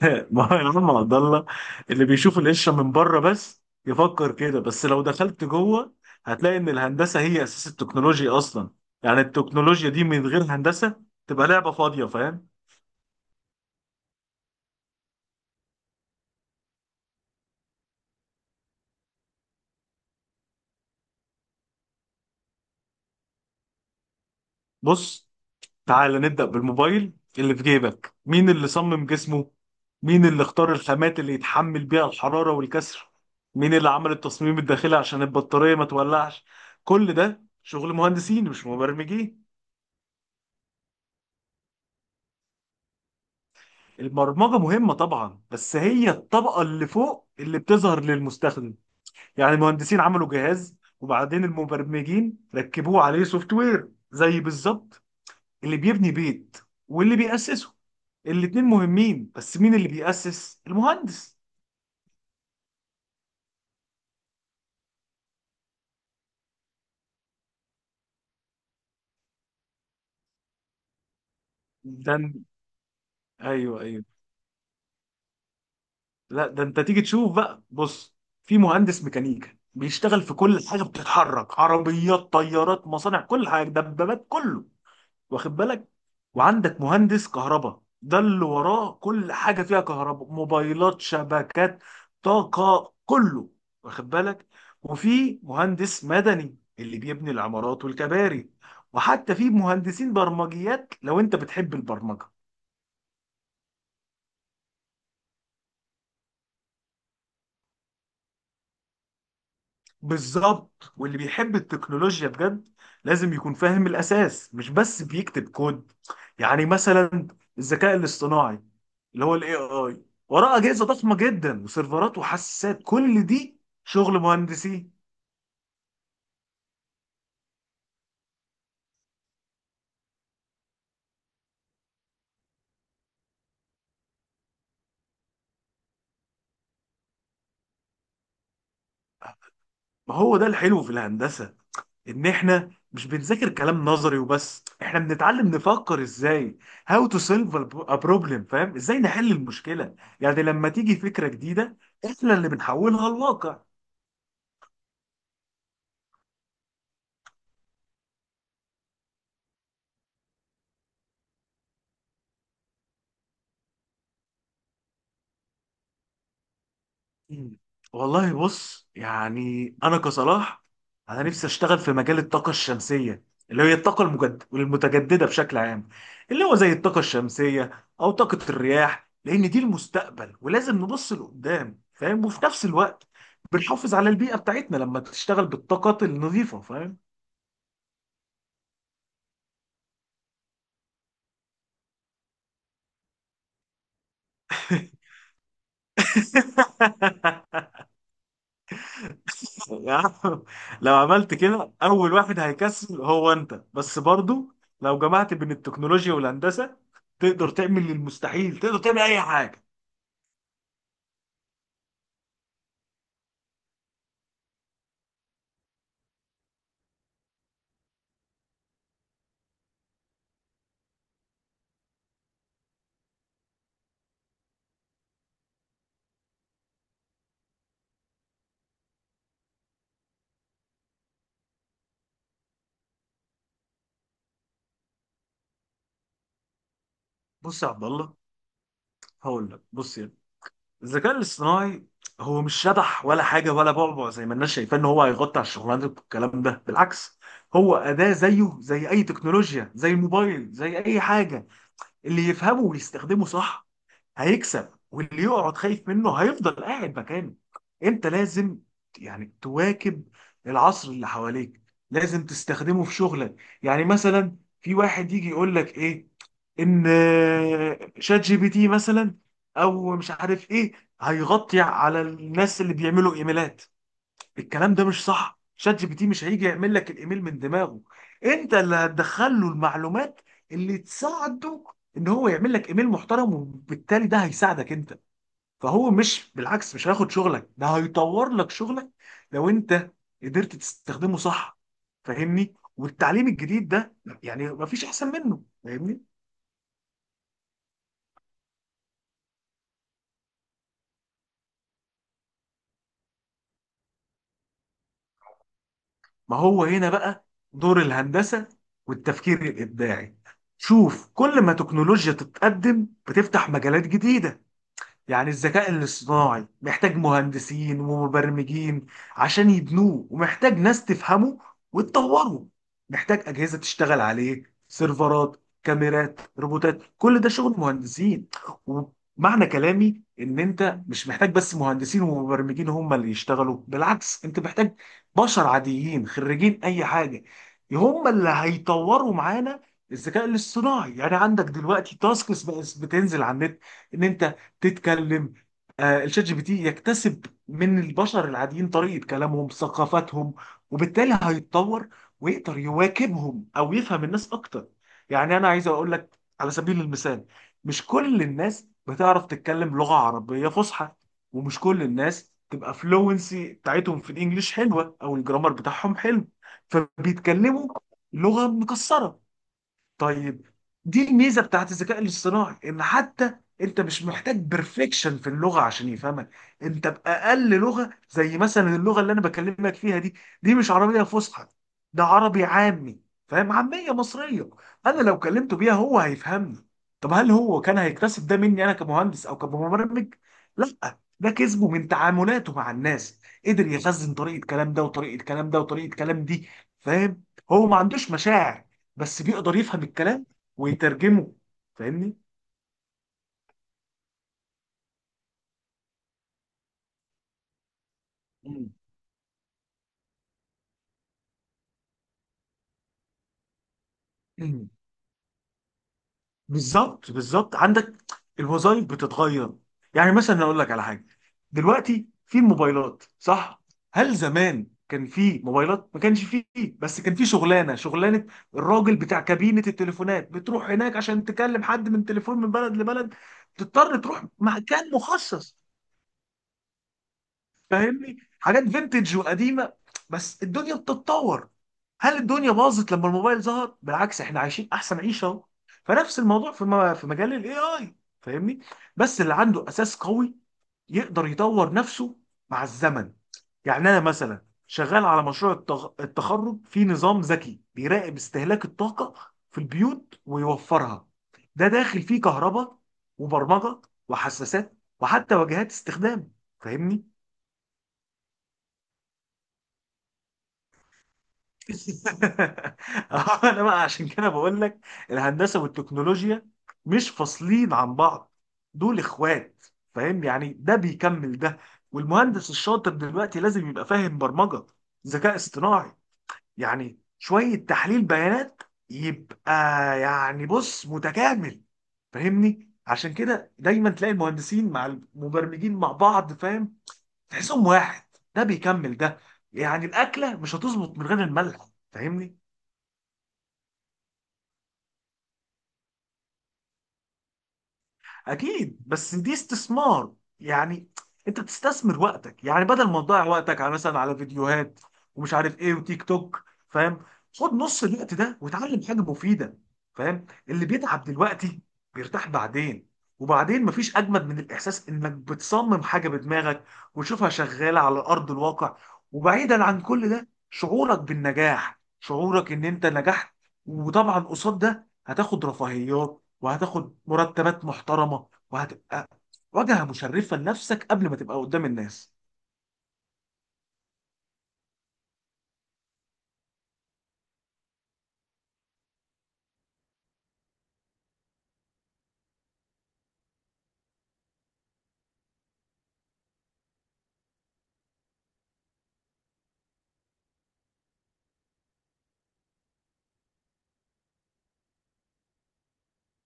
ما هو يا عم عبد الله، اللي بيشوف القشره من بره بس يفكر كده. بس لو دخلت جوه هتلاقي ان الهندسه هي اساس التكنولوجيا اصلا. يعني التكنولوجيا دي من غير هندسه تبقى لعبه فاضيه، فاهم؟ بص، تعال نبدا بالموبايل اللي في جيبك. مين اللي صمم جسمه؟ مين اللي اختار الخامات اللي يتحمل بيها الحراره والكسر؟ مين اللي عمل التصميم الداخلي عشان البطاريه ما تولعش؟ كل ده شغل مهندسين مش مبرمجين. البرمجة مهمة طبعا، بس هي الطبقة اللي فوق اللي بتظهر للمستخدم. يعني المهندسين عملوا جهاز وبعدين المبرمجين ركبوه عليه سوفت وير، زي بالظبط اللي بيبني بيت واللي بيأسسه. الاتنين مهمين، بس مين اللي بيأسس؟ المهندس. ده إن- ايوه ايوه، لا ده انت تيجي تشوف بقى. بص، في مهندس ميكانيكا بيشتغل في كل حاجة بتتحرك، عربيات، طيارات، مصانع، كل حاجة، دبابات، كله، واخد بالك؟ وعندك مهندس كهرباء، ده اللي وراه كل حاجه فيها كهرباء، موبايلات، شبكات، طاقه، كله، واخد بالك؟ وفي مهندس مدني اللي بيبني العمارات والكباري، وحتى في مهندسين برمجيات لو انت بتحب البرمجه. بالظبط، واللي بيحب التكنولوجيا بجد لازم يكون فاهم الأساس، مش بس بيكتب كود. يعني مثلا الذكاء الاصطناعي، اللي هو الاي اي، وراه أجهزة ضخمة جدا وسيرفرات وحساسات، كل دي شغل مهندسين. ما هو ده الحلو في الهندسة، إن إحنا مش بنذاكر كلام نظري وبس، إحنا بنتعلم نفكر إزاي. how to solve a problem، فاهم؟ إزاي نحل المشكلة. يعني لما تيجي فكرة جديدة، إحنا اللي بنحولها لواقع. مم. والله بص، يعني انا كصلاح، انا نفسي اشتغل في مجال الطاقه الشمسيه، اللي هي الطاقه المتجدده بشكل عام، اللي هو زي الطاقه الشمسيه او طاقه الرياح، لان دي المستقبل ولازم نبص لقدام، فاهم؟ وفي نفس الوقت بنحافظ على البيئه بتاعتنا لما تشتغل بالطاقات النظيفه، فاهم؟ يا عم، لو عملت كده اول واحد هيكسل هو انت بس برضو. لو جمعت بين التكنولوجيا والهندسه تقدر تعمل المستحيل، تقدر تعمل اي حاجه. بص يا عبد الله، هقول لك. بص يعني، الذكاء الاصطناعي هو مش شبح ولا حاجه ولا بعبع زي ما الناس شايفاه ان هو هيغطي على الشغلانات والكلام ده. بالعكس، هو اداه زيه زي اي تكنولوجيا، زي الموبايل، زي اي حاجه. اللي يفهمه ويستخدمه صح هيكسب، واللي يقعد خايف منه هيفضل قاعد مكانه. انت لازم يعني تواكب العصر اللي حواليك، لازم تستخدمه في شغلك. يعني مثلا في واحد يجي يقول لك ايه، ان شات جي بي تي مثلا او مش عارف ايه هيغطي على الناس اللي بيعملوا ايميلات. الكلام ده مش صح، شات جي بي تي مش هيجي يعمل لك الايميل من دماغه، انت اللي هتدخل له المعلومات اللي تساعده ان هو يعمل لك ايميل محترم، وبالتالي ده هيساعدك انت. فهو مش بالعكس، مش هياخد شغلك، ده هيطور لك شغلك لو انت قدرت تستخدمه صح، فاهمني؟ والتعليم الجديد ده يعني مفيش احسن منه، فاهمني؟ ما هو هنا بقى دور الهندسة والتفكير الابداعي. شوف، كل ما تكنولوجيا تتقدم بتفتح مجالات جديدة. يعني الذكاء الاصطناعي محتاج مهندسين ومبرمجين عشان يبنوه، ومحتاج ناس تفهمه وتطوره، محتاج أجهزة تشتغل عليه، سيرفرات، كاميرات، روبوتات، كل ده شغل مهندسين. ومعنى كلامي ان انت مش محتاج بس مهندسين ومبرمجين هم اللي يشتغلوا، بالعكس، انت محتاج بشر عاديين خريجين اي حاجة، هم اللي هيطوروا معانا الذكاء الاصطناعي. يعني عندك دلوقتي تاسكس بقت بتنزل على النت ان انت تتكلم، الشات جي بي تي يكتسب من البشر العاديين طريقة كلامهم، ثقافاتهم، وبالتالي هيتطور ويقدر يواكبهم او يفهم الناس اكتر. يعني انا عايز اقول لك على سبيل المثال، مش كل الناس بتعرف تتكلم لغة عربية فصحى، ومش كل الناس تبقى فلوينسي بتاعتهم في الانجليش حلوة او الجرامر بتاعهم حلو، فبيتكلموا لغة مكسرة. طيب، دي الميزه بتاعت الذكاء الاصطناعي، ان حتى انت مش محتاج بيرفكشن في اللغه عشان يفهمك. انت باقل لغه، زي مثلا اللغه اللي انا بكلمك فيها دي، دي مش عربيه فصحى، ده عربي عامي، فاهم؟ عاميه مصريه، انا لو كلمته بيها هو هيفهمني. طب هل هو كان هيكتسب ده مني انا كمهندس او كمبرمج؟ لا، ده كسبه من تعاملاته مع الناس، قدر يخزن طريقه كلام ده وطريقه كلام ده وطريقه كلام دي، فاهم؟ هو ما عندوش مشاعر بس بيقدر يفهم الكلام ويترجمه، فاهمني؟ مم. مم. بالظبط بالظبط. عندك الوظائف بتتغير. يعني مثلا اقول لك على حاجه، دلوقتي في الموبايلات صح؟ هل زمان كان في موبايلات؟ ما كانش فيه، بس كان في شغلانه، شغلانه الراجل بتاع كابينه التليفونات، بتروح هناك عشان تكلم حد من تليفون من بلد لبلد، تضطر تروح مكان مخصص، فاهمني؟ حاجات فينتج وقديمه، بس الدنيا بتتطور. هل الدنيا باظت لما الموبايل ظهر؟ بالعكس، احنا عايشين احسن عيشه اهو. فنفس الموضوع في في مجال الاي اي، فاهمني؟ بس اللي عنده اساس قوي يقدر يطور نفسه مع الزمن. يعني انا مثلا شغال على مشروع التخرج في نظام ذكي بيراقب استهلاك الطاقه في البيوت ويوفرها. ده داخل فيه كهرباء وبرمجه وحساسات وحتى واجهات استخدام، فاهمني؟ اه، انا بقى عشان كده بقول لك، الهندسه والتكنولوجيا مش فاصلين عن بعض، دول اخوات، فاهم؟ يعني ده بيكمل ده. والمهندس الشاطر دلوقتي لازم يبقى فاهم برمجه، ذكاء اصطناعي، يعني شويه تحليل بيانات، يبقى يعني بص متكامل، فاهمني؟ عشان كده دايما تلاقي المهندسين مع المبرمجين مع بعض، فاهم؟ تحسهم واحد، ده بيكمل ده. يعني الاكله مش هتظبط من غير الملح، فاهمني؟ اكيد، بس دي استثمار. يعني انت بتستثمر وقتك، يعني بدل ما تضيع وقتك على مثلا على فيديوهات ومش عارف ايه وتيك توك، فاهم؟ خد نص الوقت ده وتعلم حاجه مفيده. فاهم؟ اللي بيتعب دلوقتي بيرتاح بعدين. وبعدين مفيش اجمد من الاحساس انك بتصمم حاجه بدماغك وتشوفها شغاله على ارض الواقع. وبعيدا عن كل ده، شعورك بالنجاح، شعورك ان انت نجحت. وطبعا قصاد ده هتاخد رفاهيات وهتاخد مرتبات محترمه وهتبقى واجهه مشرفه لنفسك قبل ما تبقى قدام الناس.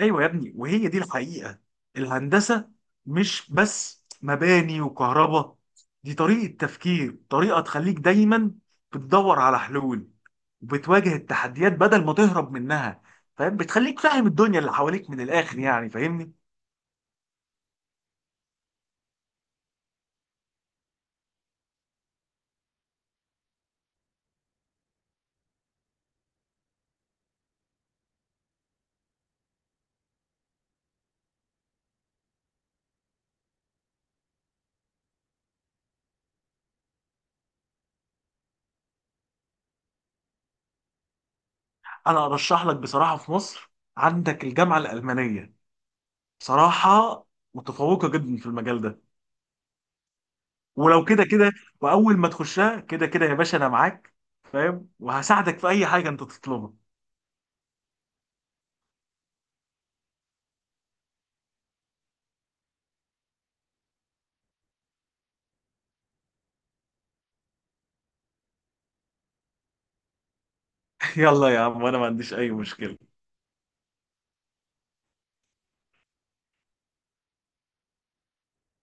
ايوه يا ابني، وهي دي الحقيقه. الهندسه مش بس مباني وكهرباء، دي طريقه تفكير، طريقه تخليك دايما بتدور على حلول وبتواجه التحديات بدل ما تهرب منها، فاهم؟ بتخليك فاهم الدنيا اللي حواليك من الاخر، يعني فاهمني؟ انا ارشح لك بصراحه في مصر عندك الجامعه الالمانيه، بصراحه متفوقه جدا في المجال ده. ولو كده كده واول ما تخشها، كده كده يا باشا انا معاك، فاهم؟ وهساعدك في اي حاجه انت تطلبها. يلا يا عم، وانا ما عنديش اي مشكله.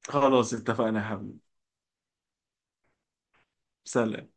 خلاص اتفقنا يا حبيبي. سلام.